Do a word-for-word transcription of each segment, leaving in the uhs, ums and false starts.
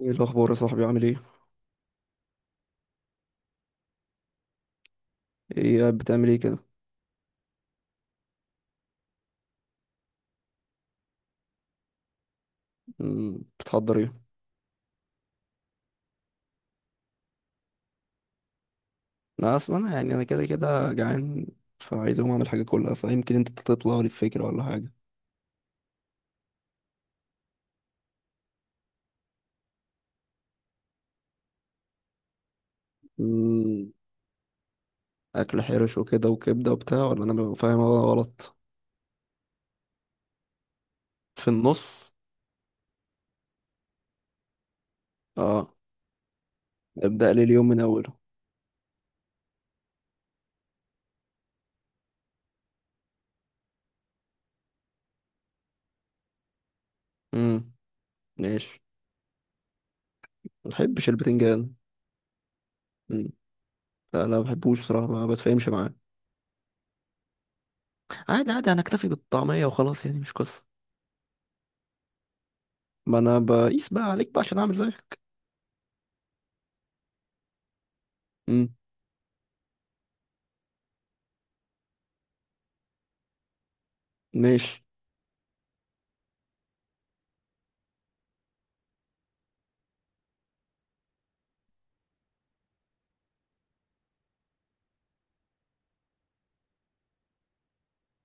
ايه الاخبار يا صاحبي، عامل ايه؟ ايه قاعد بتعمل ايه كده؟ مم، بتحضر ايه؟ انا اصلا انا يعني انا كده كده جعان. فعايز اقوم اعمل حاجه كلها، فيمكن انت تطلع لي بفكره ولا حاجه. مم، اكل حرش وكده وكبده وبتاع، ولا انا ببقى فاهم أنا غلط؟ في النص. اه، ابدا لي اليوم من اوله. امم. ماشي. ما بحبش البتنجان. مم. لا لا ما بحبوش بصراحه، ما بتفاهمش معاه. عادي عادي، هنكتفي بالطعميه وخلاص، يعني مش قصه. ما انا بقيس بقى عليك بقى عشان اعمل زيك. امم. ماشي.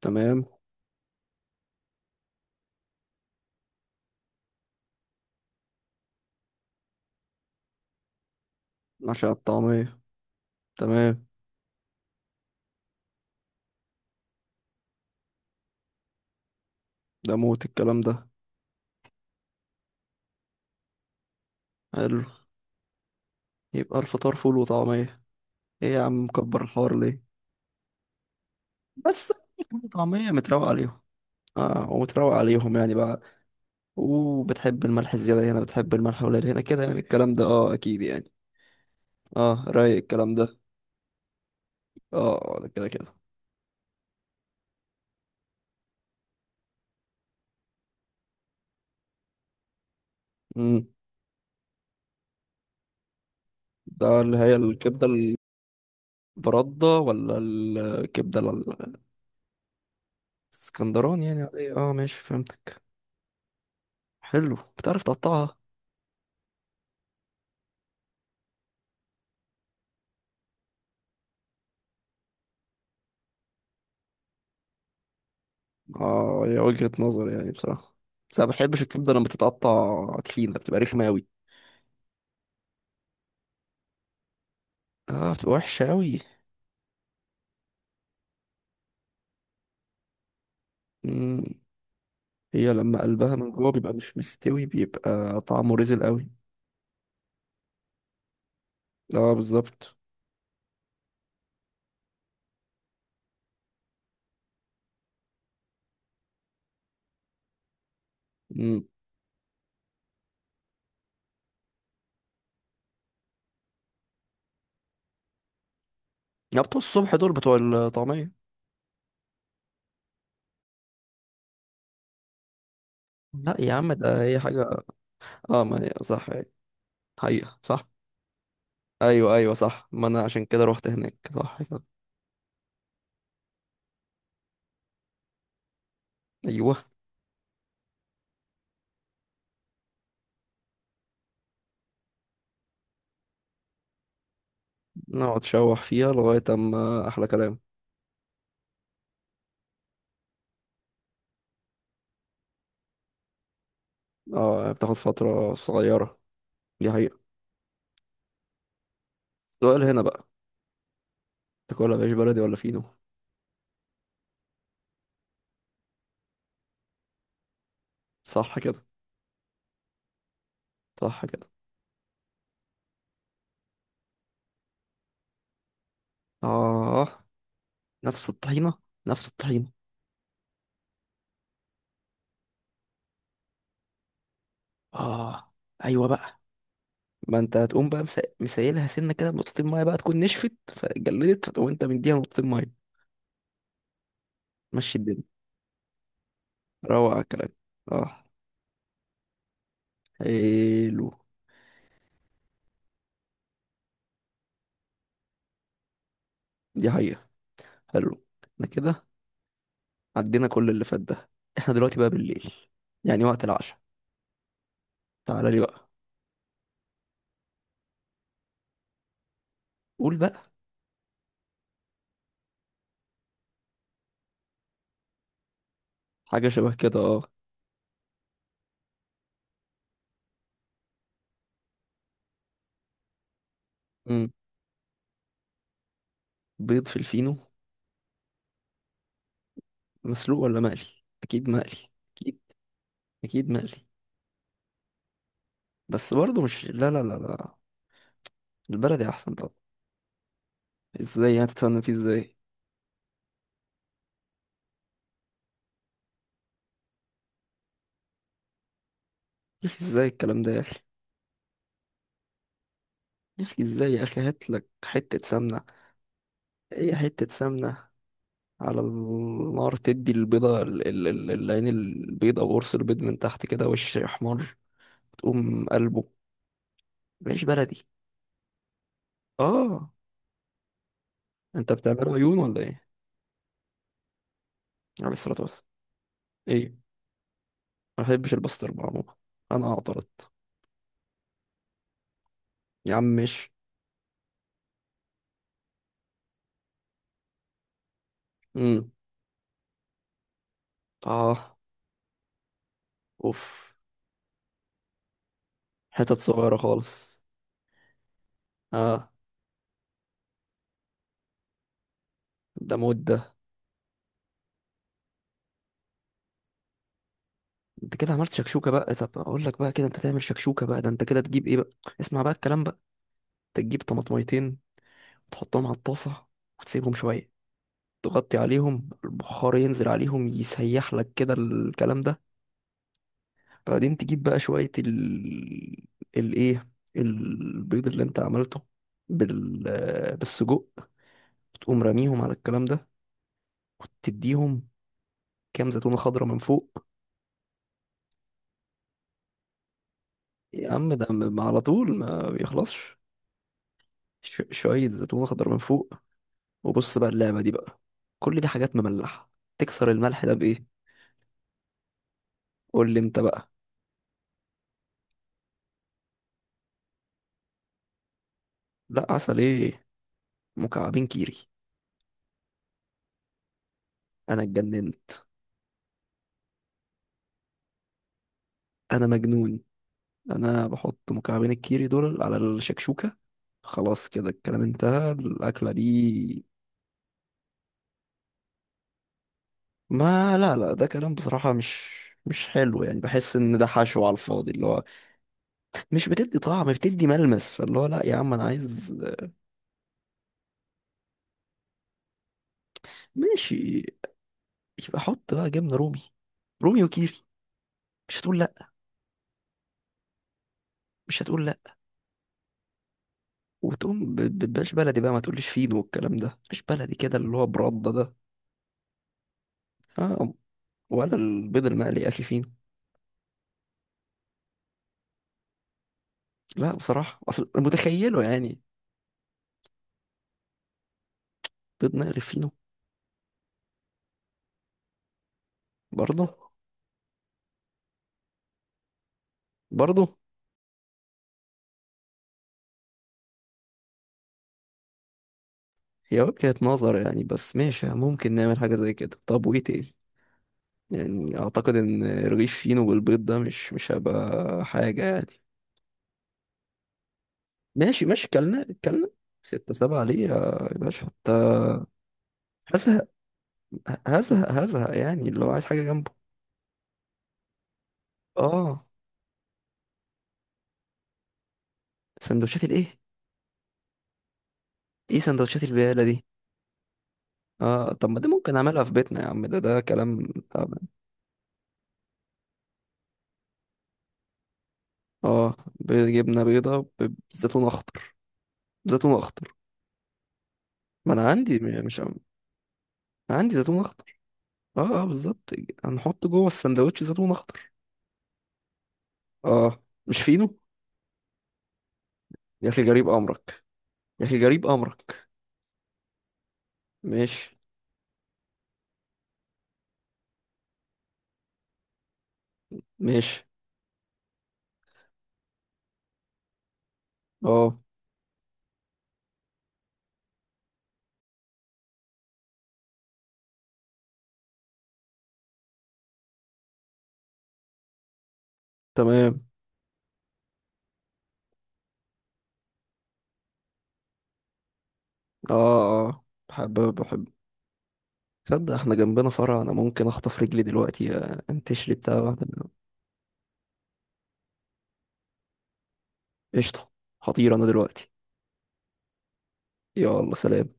تمام. عشاء الطعمية. تمام. ده موت الكلام ده. حلو. يبقى الفطار فول وطعمية. ايه يا عم، مكبر الحوار ليه؟ بس. فول وطعمية متروق عليهم. اه، ومتروق عليهم يعني بقى. وبتحب الملح الزيادة هنا، بتحب الملح قليل هنا كده، يعني الكلام ده اه اكيد يعني. اه، رايق الكلام ده. اه، آه، ده كده كده. امم. ده اللي هي الكبدة. البردة ولا الكبدة ال-؟ الاسكندراني يعني، عادية، اه ماشي فهمتك. حلو، بتعرف تقطعها. اه هي وجهة نظر يعني بصراحة. بس انا ما بحبش الكبدة لما بتتقطع تخينة بتبقى رخمة اوي. اه بتبقى وحشة اوي. مم. هي لما قلبها من جوه بيبقى مش مستوي، بيبقى طعمه رزل اوي. اه بالظبط. مم. يا بتوع الصبح دول بتوع الطعمية. لا يا عم، ده هي حاجة. اه، ما هي صح. حقيقة صح. ايوه ايوه صح، ما انا عشان كده روحت هناك صح كده. ايوه. نقعد نشوح فيها لغاية اما احلى كلام. اه، بتاخد فترة صغيرة. دي حقيقة. السؤال هنا بقى، تاكلها مش بلدي ولا فينو؟ صح كده. صح كده. اه. نفس الطحينة. نفس الطحينة. اه. ايوه بقى. ما انت هتقوم بقى مسا- مسيلها سنة كده بنقطتين مية، بقى تكون نشفت فجلدت، فتقوم انت مديها نقطتين مية. مشي الدنيا. روق على الكلام. اه. حلو. دي حقيقة. حلو. احنا كده عدينا كل اللي فات ده. احنا دلوقتي بقى بالليل. يعني وقت العشاء. تعالى لي بقى. قول بقى. حاجة شبه كده اه. مم. بيض في الفينو. مسلوق ولا مقلي؟ اكيد مقلي. اكيد مقلي. بس برضه مش، لا لا لا لا. البلدي احسن طبعا. ازاي هتتفنن فيه ازاي؟ يا اخي، ازاي الكلام ده يا اخي؟ يا اخي ازاي يا اخي، هات لك حته سمنه. ايه حته سمنه؟ على النار تدي البيضه ال- ال- ال- العين، البيضه او قرص البيض من تحت كده وش احمر. تقوم قلبه. عيش بلدي. اه. انت بتعمله عيون ولا ايه؟ عليه الصلاه والسلام. ايه. ما بحبش البسطرمه عموما. انا اعترضت. يا عم مش. امم. اه، اوف. حتت صغيره خالص. اه. ده مود ده. انت كده عملت شكشوكه بقى، طب اقول لك بقى كده، انت تعمل شكشوكه بقى، ده انت كده تجيب ايه بقى؟ اسمع بقى الكلام بقى. انت تجيب طماطميتين. تحطهم على الطاسه. وتسيبهم شويه. تغطي عليهم، البخار ينزل عليهم يسيح لك كده الكلام ده. بعدين تجيب بقى شويه ال الايه البيض اللي انت عملته بال بالسجق. تقوم راميهم على الكلام ده. وتديهم كام زيتونه خضراء من فوق. يا عم ده م- على طول ما بيخلصش. ش- شوية زيتون أخضر من فوق. وبص بقى اللعبة دي بقى. كل دي حاجات مملحة. تكسر الملح ده بإيه؟ قول لي أنت بقى. لا، عسل إيه؟ مكعبين كيري. أنا اتجننت. أنا مجنون. أنا بحط مكعبين الكيري دول على الشكشوكة. خلاص كده، الكلام انتهى الأكلة دي. ما لا لا، ده كلام بصراحة، مش مش حلو يعني، بحس إن ده حشو على الفاضي اللي هو مش بتدي طعم، بتدي ملمس، فاللي هو لا يا عم أنا عايز. ماشي. يبقى حط بقى جبنة رومي. رومي وكيري. مش هتقول لا. مش هتقول لا. وتقوم ب- ب- باش بلدي بقى، ما تقوليش فينو والكلام ده مش بلدي كده اللي هو برده ده. اه. ولا البيض المقلي يا اخي فينو. لا بصراحه، اصل متخيله يعني. بيض مقلي فينو. برضه. برضه. هي وجهة نظر يعني، بس ماشي، ممكن نعمل حاجه زي كده، طب وايه تاني؟ يعني اعتقد ان رغيف فينو والبيض ده مش مش هيبقى حاجه يعني. ماشي ماشي، كلنا كلنا. ستة سبعة ليه يا باشا انت؟ هزهق هزهق هزهق يعني، اللي هو عايز حاجة جنبه. اه. سندوتشات الايه؟ ايه سندوتشات البقاله دي؟ اه، طب ما دي ممكن اعملها في بيتنا يا عم، ده ده كلام تعبان. اه، بيض- جبنه بيضه ب- بزيتون اخضر. زيتون اخضر. ما انا عندي م- مش عم- عندي زيتون اخضر. اه اه بالظبط. هنحط جوه السندوتش زيتون اخضر. اه، مش فينو. يا اخي جريب امرك. يا اخي جريب امرك. ماشي. ماشي. اه تمام. اه اه بحب بحب. تصدق احنا جنبنا فرع، انا ممكن اخطف رجلي دلوقتي آه، انتشري بتاع واحده. قشطة. هطير أنا دلوقتي. يلا سلام.